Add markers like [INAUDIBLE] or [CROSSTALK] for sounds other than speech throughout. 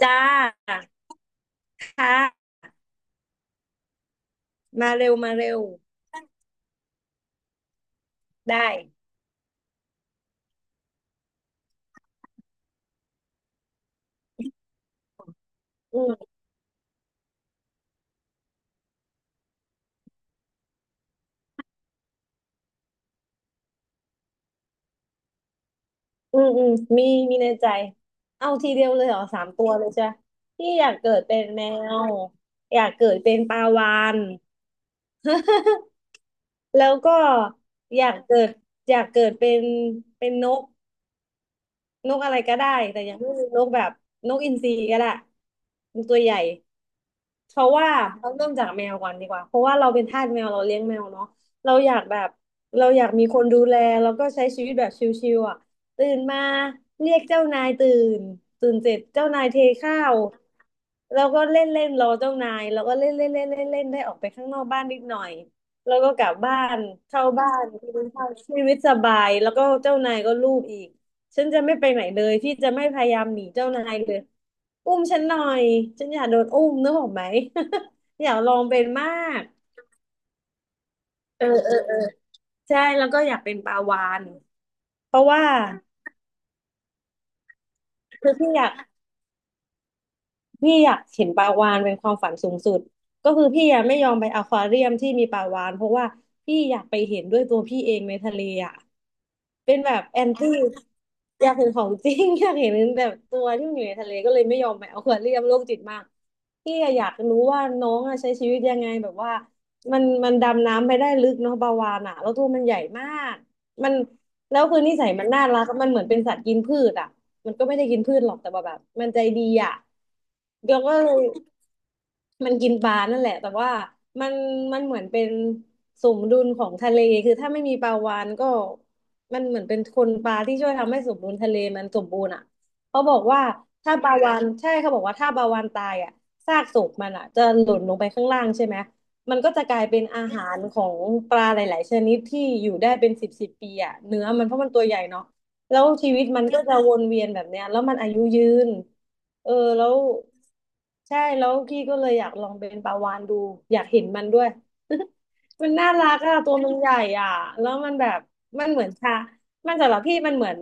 จ้าค่ะมาเร็วมาเร็วได้อืมอืมอืมมีในใจเอาทีเดียวเลยเหรอสามตัวเลยจ้ะพี่อยากเกิดเป็นแมวอยากเกิดเป็นปลาวาฬ [LAUGHS] แล้วก็อยากเกิดอยากเกิดเป็นนกนกอะไรก็ได้แต่ยังไม่มีนกแบบนกอินทรีก็ได้มันตัวใหญ่ เพราะว่าเราเริ่มจากแมวก่อนดีกว่า เพราะว่าเราเป็นทาสแมวเราเลี้ยงแมวเนาะเราอยากแบบเราอยากมีคนดูแลแล้วก็ใช้ชีวิตแบบชิลๆอ่ะตื่นมาเรียกเจ้านายตื่นเสร็จเจ้านายเทข้าวแล้วก็เล่นเล่นรอเจ้านายแล้วก็เล่นเล่นเล่นเล่นเล่นได้ออกไปข้างนอกบ้านนิดหน่อยแล้วก็กลับบ้านเข้าบ้านกินข้าวชีวิตสบายแล้วก็เจ้านายก็ลูบอีก ฉันจะไม่ไปไหนเลยพี่จะไม่พยายามหนีเจ้านายเลย อุ้มฉันหน่อย ฉันอยากโดนอุ้มนึกออกไหม [LAUGHS] อยากลองเป็นมากเออเออเออใช่ แล้วก็อยากเป็นปลาวาฬเพราะว่าคือพี่อยาก พี่อยากเห็นปลาวาฬเป็นความฝันสูงสุดก็คือพี่ยังไม่ยอมไปอควาเรียมที่มีปลาวาฬเพราะว่าพี่อยากไปเห็นด้วยตัวพี่เองในทะเลอ่ะเป็นแบบแอนตี้อยากเห็นของจริง [LAUGHS] อยากเห็นแบบตัวที่มันอยู่ในทะเลก็เลยไม่ยอมไปอควาเรียมโรคจิตมากพี่อะอยากรู้ว่าน้องอะใช้ชีวิตยังไงแบบว่ามันดำน้ำไปได้ลึกเนาะปลาวาฬอ่ะแล้วตัวมันใหญ่มากมันแล้วคือนิสัยมันน่ารักมันเหมือนเป็นสัตว์กินพืชอ่ะ มันก็ไม่ได้กินพืชหรอกแต่ว่าแบบมันใจดีอ่ะเราก็เลยมันกินปลานั่นแหละแต่ว่ามันเหมือนเป็นสมดุลของทะเลคือถ้าไม่มีปลาวาฬก็มันเหมือนเป็นคนปลาที่ช่วยทำให้สมดุลทะเลมันสมบูรณ์อ่ะเขาบอกว่าถ้าปลาวาฬใช่เขาบอกว่าถ้าปลาวาฬตายอ่ะซากศพมันอ่ะจะหล่นลงไปข้างล่างใช่ไหมมันก็จะกลายเป็นอาหารของปลาหลายๆชนิดที่อยู่ได้เป็นสิบสิบปีอ่ะเนื้อมันเพราะมันตัวใหญ่เนาะ แล้วชีวิตมันก็จะวนเวียนแบบเนี้ยแล้วมันอายุยืนเออแล้วใช่แล้วพี่ก็เลยอยากลองเป็นปลาวาฬดูอยากเห็นมันด้วย [LAUGHS] มันน่ารักอะตัวมันใหญ่อะแล้วมันแบบมันเหมือนช้างมันสำหรับพี่มันเหมือน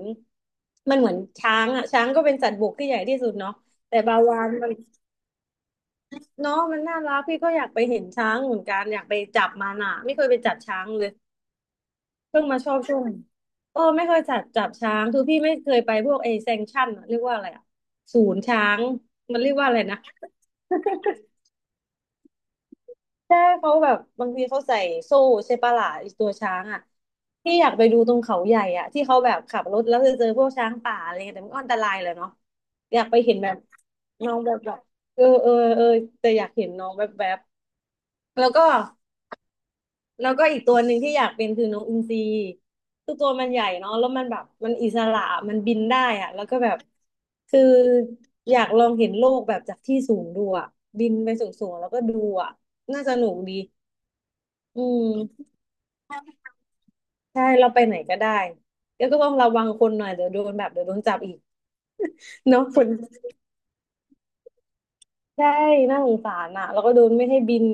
เหมือนช้างอะช้างก็เป็นสัตว์บกที่ใหญ่ที่สุดเนาะแต่ปลาวาฬมันเนาะมันน่ารักพี่ก็อยากไปเห็นช้างเหมือนกันอยากไปจับมันอะไม่เคยไปจับช้างเลย เพิ่งมาชอบช่วงเออไม่เคยจับจับช้างคือพี่ไม่เคยไปพวกไอแซงชั่นอะเรียกว่าอะไรอะศูนย์ช้างมันเรียกว่าอะไรนะใช่เขาแบบบางทีเขาใส่โซ่ใช่ปะล่ะไอ้ตัวช้างอ่ะพี่อยากไปดูตรงเขาใหญ่อ่ะที่เขาแบบขับรถแล้วจะเจอพวกช้างป่าอะไรเงี้ยแต่มันก็อันตรายเลยเนาะอยากไปเห็นแบบน้องแบบแบบเออเออเออแต่อยากเห็นน้องแบบแบบแล้วก็ อีกตัวหนึ่งที่อยากเป็นคือนกอินทรีคือตัวมันใหญ่เนาะแล้วมันแบบมันอิสระมันบินได้อะแล้วก็แบบคืออยากลองเห็นโลกแบบจากที่สูงดูอะบินไปสูงๆแล้วก็ดูอะน่าสนุกดีอืมใช่เราไปไหนก็ได้ แล้วก็ต้องระวังคนหน่อยเดี๋ยวโดนแบบเดี๋ยวโดนจับอีก [LAUGHS] เนาะคนใช่น่าสงสารอะแล้วก็โดนไม่ให้บิน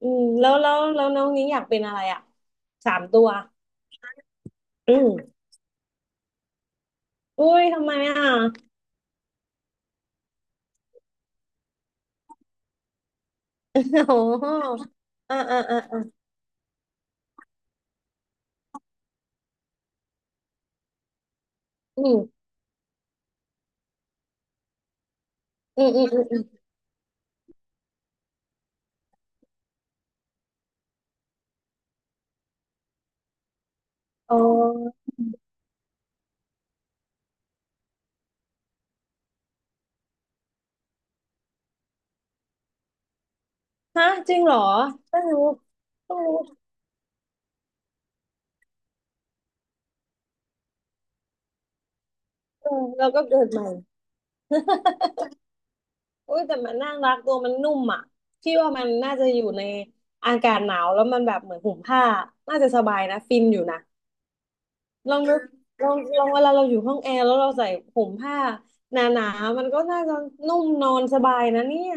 อืมแล้วน้องนี้งอยากเป็นอะไรอะสามตัวอืมอุ้ยทำไมอ่ะ โอ้อ่าอ่าอ่าอ่าอืมอืมอืมอืมอมอ๋อฮะจริงเหรอต้องรู้ต้องรู้เออเราก็เกิดใหม่ [LAUGHS] อุ้ยแต่มันน่ารักตัวมันนุ่มอ่ะพี่ว่ามันน่าจะอยู่ในอากาศหนาวแล้วมันแบบเหมือนห่มผ้าน่าจะสบายนะฟินอยู่นะลองนึกลองเวลาเราอยู่ห้องแอร์แล้วเราใส่ห่มผ้าหนาๆมันก็น่าจะนุ่มนอนสบายนะเนี่ย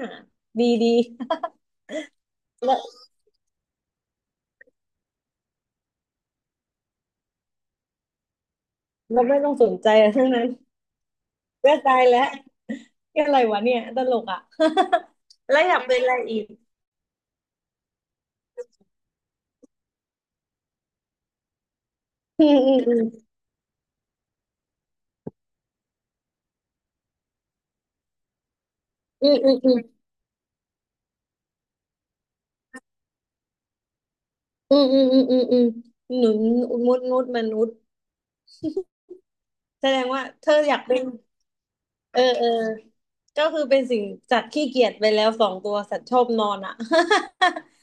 ดีดีแล้วเราไม่ต้องสนใจอะไรทั้งนั้นก็ตายแล้วแค่อะไรวะเนี่ยตลกอ่ะ แล้วอยากเป็นอะไรอีกอืมอืมอืมอืมอืมอืมอืมอืมอืมอืมหนุนมดมดมนุษย์แสดงว่าเธออยากเป็นเออเออก็คือเป็นสิ่งสัตว์ขี้เกียจไปแล้วสองตัวสัตว์ชอบนอนอ่ะ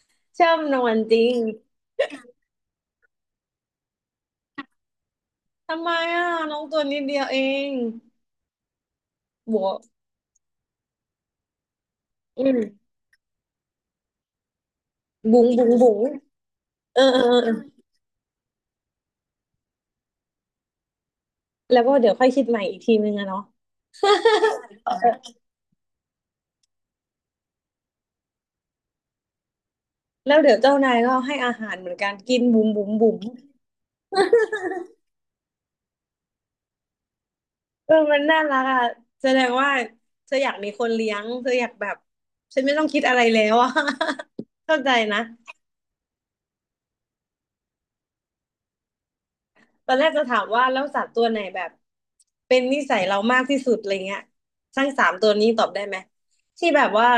[LAUGHS] ชอบนอนจริง ทำไมอ่ะน้องตัวนิดเดียวเองบัวบุ๋งบุ๋งบุ๋งเออเออเออแล้วก็เดี๋ยวค่อยคิดใหม่อีกทีนึงอะเนาะแล้วเดี๋ยวเจ้านายก็ให้อาหารเหมือนกันกินบุ๋มบุ๋มบุ๋ม เออมันน่ารักอ่ะแสดงว่าเธออยากมีคนเลี้ยงเธออยากแบบฉันไม่ต้องคิดอะไรแล้วอ่ะ [LAUGHS] เข้าใจนะตอนแรกจะถามว่าแล้วสัตว์ตัวไหนแบบเป็นนิสัยเรามากที่สุดอะไรเงี้ยทั้งสามตัวนี้ตอบได้ไหมที่แบบว่า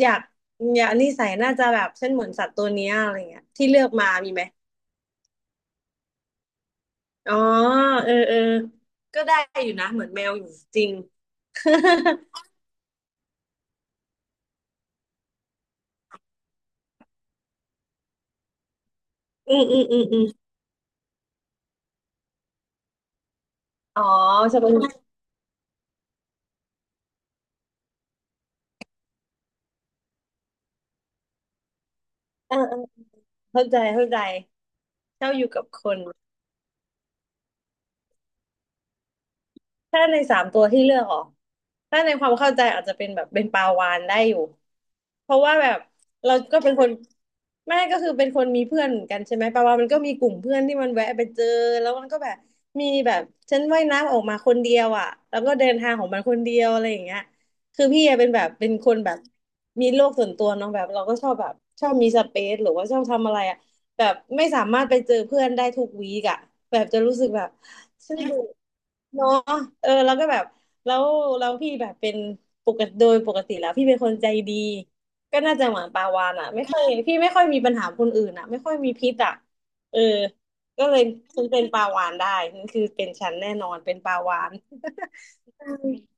อยากอยากนิสัยน่าจะแบบฉันเหมือนสัตว์ตัวเนี้ยอะไรเงี้ยที่เลือกมามีไหมอ๋อเออเออก็ได้อยู่นะเหมือนแมวอยู่จริง [LAUGHS] อืมอืมอืมอืมอ๋อจะเป็นเออเออเข้าใจเข้าใจ เจ้าอยู่กับคนถ้าในสามตัวที่เลือกออกถ้าในความเข้าใจอาจจะเป็นแบบเป็นปลาวาฬได้อยู่เพราะว่าแบบเราก็เป็นคนแม่ก็คือเป็นคนมีเพื่อนเหมือนกันใช่ไหมปลาวาฬมันก็มีกลุ่มเพื่อนที่มันแวะไปเจอแล้วมันก็แบบมีแบบฉันว่ายน้ำออกมาคนเดียวอ่ะแล้วก็เดินทางของมันคนเดียวอะไรอย่างเงี้ยคือพี่อะเป็นแบบเป็นคนแบบมีโลกส่วนตัวเนาะแบบเราก็ชอบแบบชอบมีสเปซหรือว่าชอบทำอะไรอ่ะแบบไม่สามารถไปเจอเพื่อนได้ทุกวีกอะแบบจะรู้สึกแบบ ซึ่งเนาะเออแล้วก็แบบแล้วแล้วพี่แบบเป็นปกติโดยปกติแล้วพี่เป็นคนใจดีก็น่าจะเหมือนปาวานอ่ะไม่ค่อยพี่ไม่ค่อยมีปัญหาคนอื่นอ่ะไม่ค่อยมีพิษอ่ะเออก็เลยฉันเป็นปาวานได้นั่นคือเป็นฉันแน่นอนเป็นปาวานอืม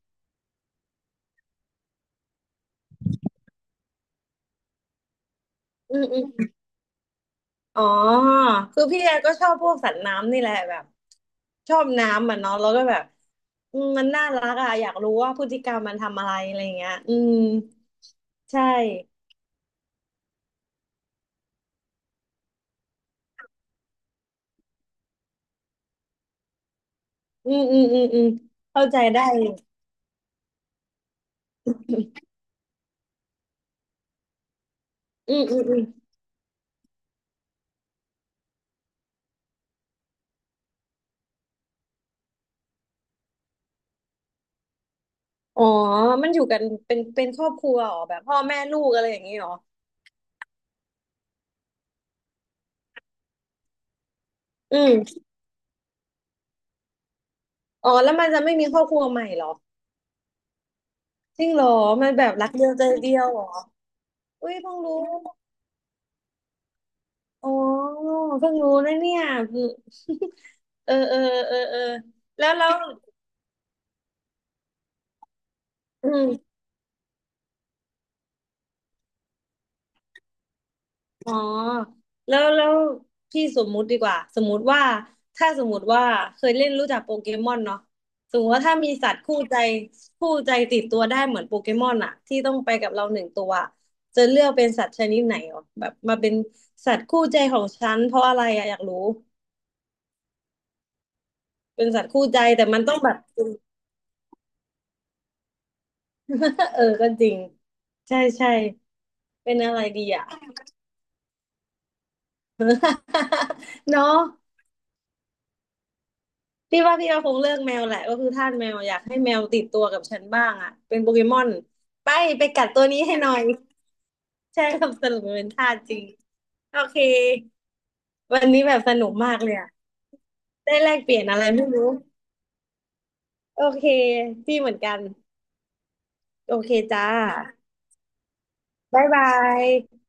อืมอ๋อคือพี่แอก็ชอบพวกสัตว์น้ำนี่แหละแบบชอบน้ำอ่ะเนาะแล้วก็แบบอืมมันน่ารักอ่ะอยากรู้ว่าพฤติกรรมมันทำอะไรอะไรเงี้ยอืมใช่ อืมอืมอืมอืมเข้าใจได้อยู่อืมอืมอืมอ๋อมันอยู่กันเป็นครอบครัวเหรอแบบพ่อแม่ลูกอะไรอย่างนี้เหรออืมอ๋อแล้วมันจะไม่มีครอบครัวใหม่เหรอจริงเหรอมันแบบรักเดียวใจเดียวเหรออุ้ยเพิ่งรู้อ๋อเพิ่งรู้นะเนี่ย [LAUGHS] เออเออเออเออแล้วอืม อ๋อแล้วพี่สมมุติดีกว่าสมมุติว่าถ้าสมมุติว่าเคยเล่นรู้จักโปเกมอนเนาะสมมติว่าถ้ามีสัตว์คู่ใจคู่ใจติดตัวได้เหมือนโปเกมอนอะที่ต้องไปกับเราหนึ่งตัวอะจะเลือกเป็นสัตว์ชนิดไหนอ๋อแบบมาเป็นสัตว์คู่ใจของฉันเพราะอะไรอะอยากรู้เป็นสัตว์คู่ใจแต่มันต้องแบบ [LAUGHS] เออก็จริงใช่ใช่เป็นอะไรดีอะ [LAUGHS] เนาะ พี่ว่าพี่เอาคงเลือกแมวแหละก็คือทาสแมวอยากให้แมวติดตัวกับฉันบ้างอ่ะเป็นโปเกมอนไปไปกัดตัวนี้ให้หน่อยใช่ครับสรุปมันเป็นทาสจริงโอเควันนี้แบบสนุกมากเลยอะได้แลกเปลี่ยนอะไรไม่รู้โอเคพี่เหมือนกันโอเคจ้าบ๊ายบาย